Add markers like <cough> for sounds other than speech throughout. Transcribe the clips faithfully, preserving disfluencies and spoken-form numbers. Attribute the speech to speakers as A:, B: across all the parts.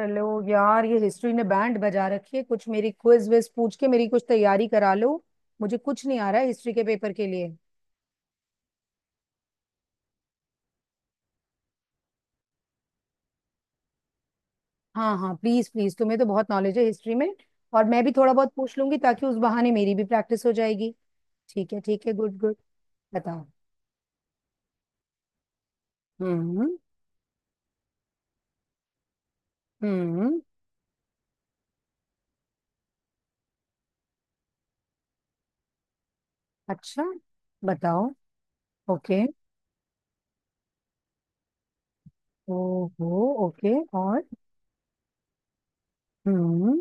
A: Hello. यार, ये history ने बैंड बजा रखी है। कुछ मेरी क्विज विज पूछ के मेरी कुछ तैयारी करा लो। मुझे कुछ नहीं आ रहा है हिस्ट्री के पेपर के लिए। हाँ हाँ, प्लीज प्लीज, तुम्हें तो बहुत नॉलेज है हिस्ट्री में। और मैं भी थोड़ा बहुत पूछ लूंगी ताकि उस बहाने मेरी भी प्रैक्टिस हो जाएगी। ठीक है ठीक है, गुड गुड। बताओ। हम्म। हम्म। अच्छा, बताओ। ओके। ओहो। ओके, और? हम्म।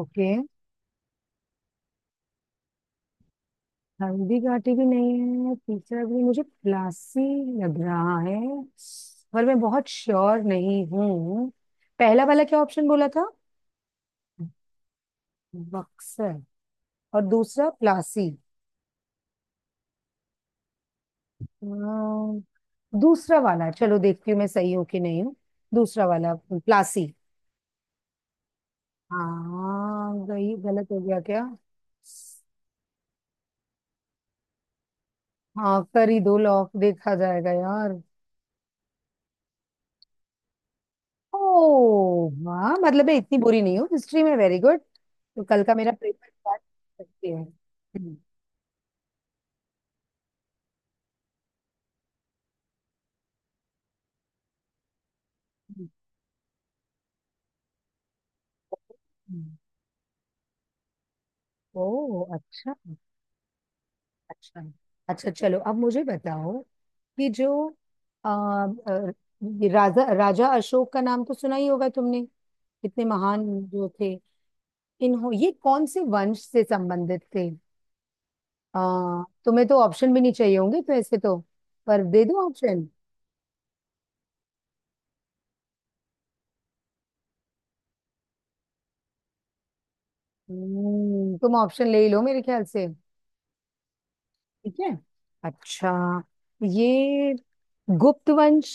A: ओके। हल्दी घाटी भी नहीं है, तीसरा भी। मुझे प्लासी लग रहा है, पर मैं बहुत श्योर नहीं हूँ। पहला वाला क्या ऑप्शन बोला था? बक्सर, और दूसरा प्लासी। अम्म, दूसरा वाला। चलो देखती हूँ मैं सही हूँ कि नहीं हूँ। दूसरा वाला प्लासी। हाँ, गई, गलत हो गया क्या? हाँ कर ही दो लॉक, देखा जाएगा यार। ओह वाह, मतलब मैं इतनी बुरी नहीं हूँ हिस्ट्री में। Very good. तो कल का मेरा पेपर स्टार्ट करते हैं। हम्म। हम्म। हम्म। ओह, अच्छा। अच्छा अच्छा, चलो अब मुझे बताओ कि जो अ, अ, ये राजा राजा अशोक का नाम तो सुना ही होगा तुमने, कितने महान जो थे। इन्हों, ये कौन से वंश से संबंधित थे? आ, तुम्हें तो ऑप्शन भी नहीं चाहिए होंगे तो ऐसे तो, पर दे दो ऑप्शन। हम्म, तुम ऑप्शन ले ही लो मेरे ख्याल से। ठीक है। अच्छा, ये गुप्त वंश,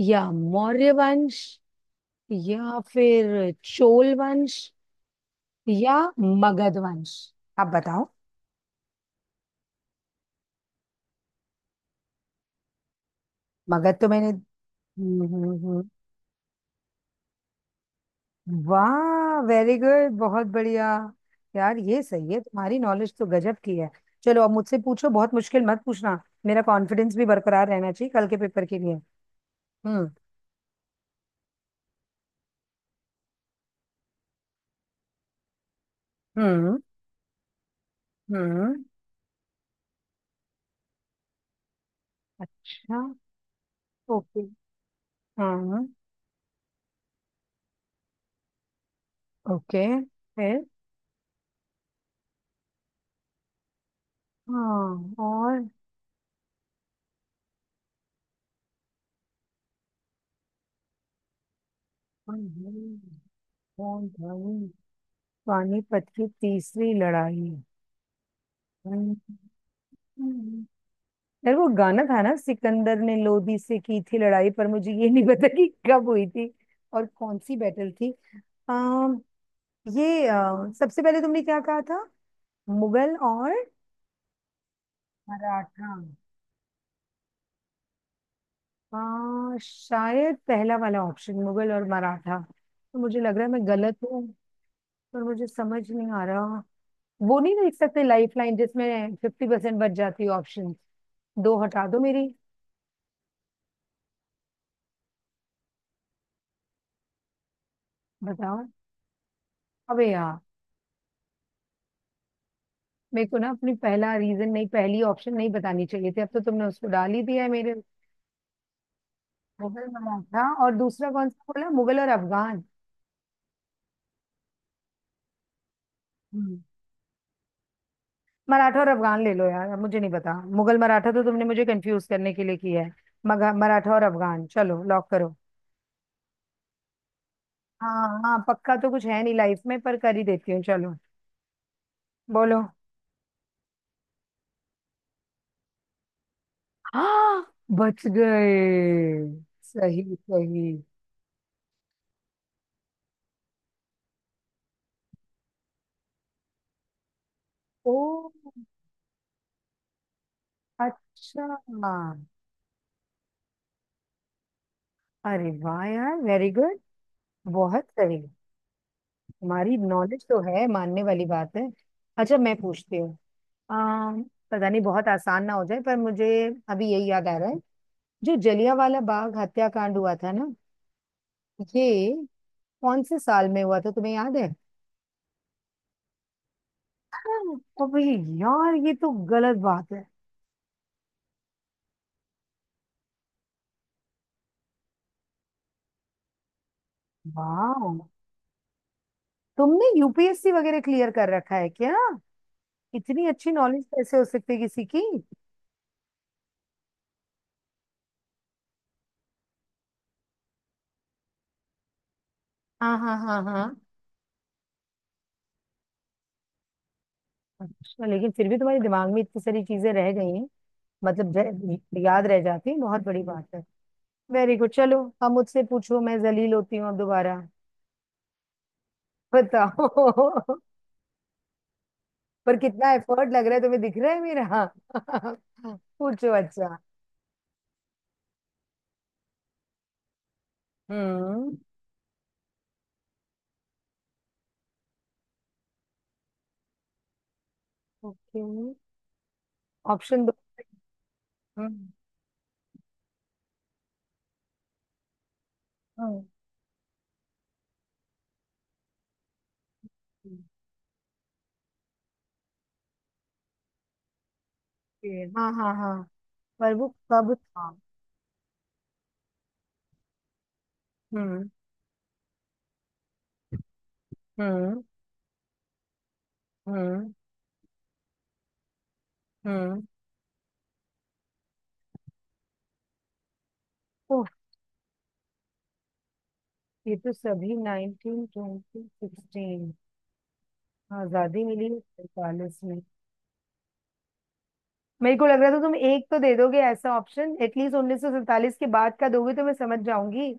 A: या मौर्य वंश, या फिर चोल वंश, या मगध वंश? आप बताओ। मगध तो मैंने। हम्म हम्म, हम्म। वाह, वेरी गुड, बहुत बढ़िया। यार, ये सही है तुम्हारी नॉलेज तो गजब की है। चलो अब मुझसे पूछो, बहुत मुश्किल मत पूछना। मेरा कॉन्फिडेंस भी बरकरार रहना चाहिए कल के पेपर के लिए। हम्म। हम्म। हम्म। अच्छा। ओके। हाँ। ओके, फिर? हाँ, और? कौन था ये? पानीपत की तीसरी लड़ाई। हम्म। यार वो गाना था ना, सिकंदर ने लोदी से की थी लड़ाई, पर मुझे ये नहीं पता कि कब हुई थी और कौन सी बैटल थी। अम, ये अ, सबसे पहले तुमने क्या कहा था? मुगल और मराठा। अ, शायद पहला वाला ऑप्शन मुगल और मराठा, तो मुझे लग रहा है मैं गलत हूँ, पर मुझे समझ नहीं आ रहा। वो नहीं देख सकते लाइफ लाइन जिसमें फिफ्टी परसेंट बच जाती है? ऑप्शन दो हटा दो मेरी। बताओ। अबे यार, मेरे को ना अपनी पहला रीजन नहीं, पहली ऑप्शन नहीं बतानी चाहिए थी। अब तो तुमने उसको डाल ही दिया है मेरे। मुगल मराठा, और दूसरा कौन सा बोला, मुगल और अफगान? हम्म, मराठा और अफगान ले लो यार। अब मुझे नहीं पता, मुगल मराठा तो तुमने मुझे कंफ्यूज करने के लिए किया है। मगा मराठा और अफगान, चलो लॉक करो। हाँ हाँ पक्का तो कुछ है नहीं लाइफ में, पर कर ही देती हूँ। चलो, बोलो। हाँ, बच गए। सही सही। ओ, अच्छा। अरे वाह यार, वेरी गुड, बहुत सही। हमारी नॉलेज तो है मानने वाली बात है। अच्छा मैं पूछती हूँ। आ, पता नहीं बहुत आसान ना हो जाए, पर मुझे अभी यही याद आ रहा है। जो जलियांवाला बाग हत्याकांड हुआ था ना, ये कौन से साल में हुआ था, तुम्हें याद है? हाँ, अबे यार ये तो गलत बात है। वाह, तुमने यूपीएससी वगैरह क्लियर कर रखा है क्या? इतनी अच्छी नॉलेज कैसे हो सकती है किसी की? हाँ हाँ हाँ हाँ। अच्छा, लेकिन फिर भी तुम्हारे दिमाग में इतनी सारी चीजें रह गई हैं, मतलब रह, याद रह जाती है, बहुत बड़ी बात है। वेरी गुड, चलो अब मुझसे पूछो, मैं जलील होती हूँ अब दोबारा। बताओ। <laughs> पर कितना एफर्ट लग रहा है तुम्हें दिख रहा है मेरा। <laughs> पूछो, अच्छा। हम्म। ओके, ऑप्शन दो। हम्म। हम्म। okay, हाँ हाँ हाँ, पर वो कब था? हम्म। हम्म। हम्म। हम्म। ओह, ये तो सभी नाइनटीन ट्वेंटी सिक्सटीन। आजादी मिली है सैंतालीस में। मेरे को लग रहा था तुम एक तो दे दोगे ऐसा ऑप्शन, एटलीस्ट उन्नीस सौ सैंतालीस के बाद का दोगे तो मैं समझ जाऊंगी,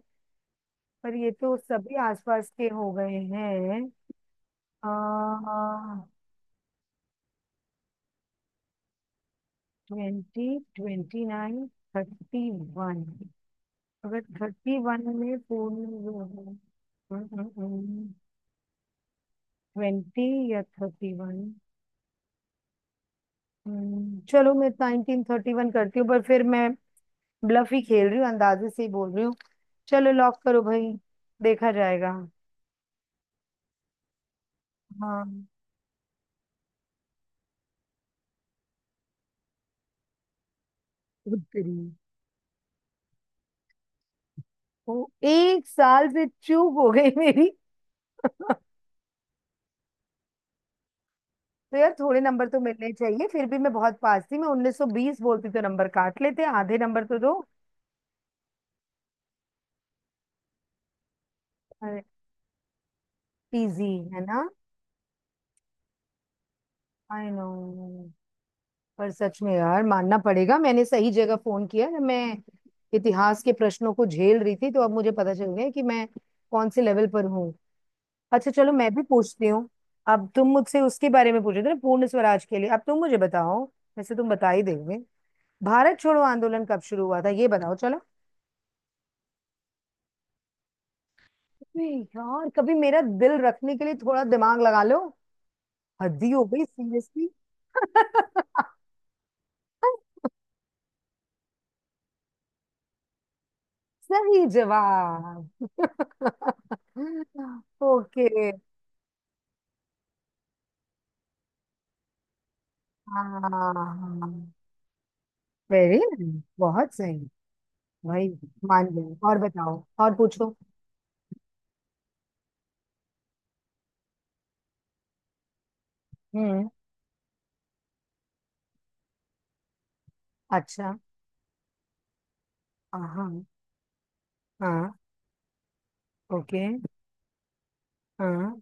A: पर ये तो सभी आसपास के हो गए हैं। आ, twenty, twenty nine, thirty one. अगर थर्टी वन में पूर्ण। ट्वेंटी या थर्टी वन। हम्म, चलो मैं नाइनटीन थर्टी वन करती हूँ, पर फिर मैं ब्लफ ही खेल रही हूँ, अंदाजे से ही बोल रही हूँ। चलो लॉक करो भाई, देखा जाएगा। हाँ। खुद करिए। ओ, एक साल से चूक हो गई मेरी। <laughs> तो यार थोड़े नंबर तो मिलने चाहिए, फिर भी मैं बहुत पास थी, मैं उन्नीस सौ बीस बोलती तो नंबर काट लेते, आधे नंबर तो दो। इजी है ना। I know. पर सच में यार मानना पड़ेगा, मैंने सही जगह फोन किया जब मैं इतिहास के प्रश्नों को झेल रही थी, तो अब मुझे पता चल गया कि मैं कौन से लेवल पर हूँ। अच्छा चलो, मैं भी पूछती हूँ। अब तुम मुझसे उसके बारे में पूछ रहे थे ना, पूर्ण स्वराज के लिए, अब तुम मुझे बताओ। वैसे तुम बता ही दोगे। भारत छोड़ो आंदोलन कब शुरू हुआ था, ये बताओ चलो। अबे यार, कभी मेरा दिल रखने के लिए थोड़ा दिमाग लगा लो। हद ही हो गई सीरियसली। <laughs> सही जवाब। <laughs> ओके। हाँ। वेरी नाइस, बहुत सही। भाई, मान गई। और बताओ, और पूछो। हम्म। अच्छा। हाँ। हाँ। ओके। हाँ।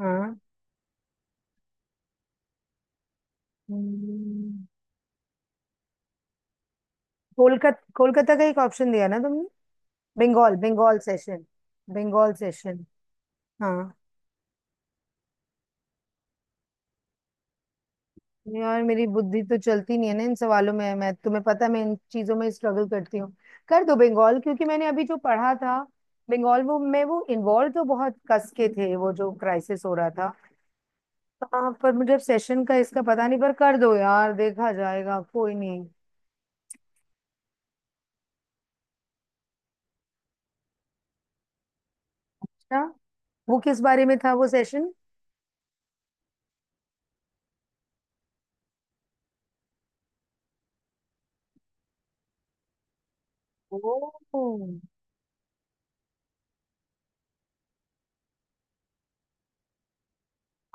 A: हाँ। हम्म, कोलकाता, कोलकाता का एक ऑप्शन दिया ना तुमने? बंगाल, बंगाल सेशन। बंगाल सेशन। हाँ। यार मेरी बुद्धि तो चलती नहीं है ना इन सवालों में, मैं, तुम्हें पता है मैं इन चीजों में स्ट्रगल करती हूँ। कर दो बंगाल, क्योंकि मैंने अभी जो पढ़ा था, बंगाल वो में वो इन्वॉल्व तो बहुत कस के थे, वो जो क्राइसिस हो रहा था। हाँ, पर मुझे सेशन का इसका पता नहीं, पर कर दो यार, देखा जाएगा, कोई नहीं। अच्छा, वो किस बारे में था वो सेशन? ओ।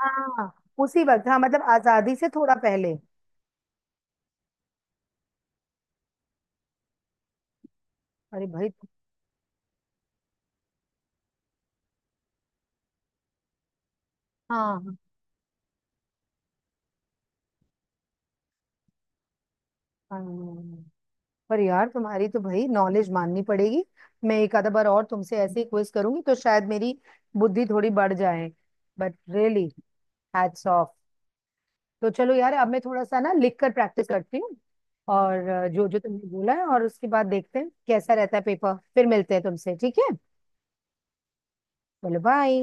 A: हाँ, उसी वक्त, हाँ, मतलब आजादी से थोड़ा पहले। अरे भाई। हाँ। हाँ। पर यार तुम्हारी तो भाई नॉलेज माननी पड़ेगी। मैं एक आधा बार और तुमसे ऐसे ही क्विज करूंगी तो शायद मेरी बुद्धि थोड़ी बढ़ जाए। But really, hats off. तो चलो यार, अब मैं थोड़ा सा ना लिख कर प्रैक्टिस करती हूँ और अ, जो जो तुमने बोला है, और उसके बाद देखते हैं कैसा रहता है पेपर। फिर मिलते हैं तुमसे, ठीक है? बोलो बाय।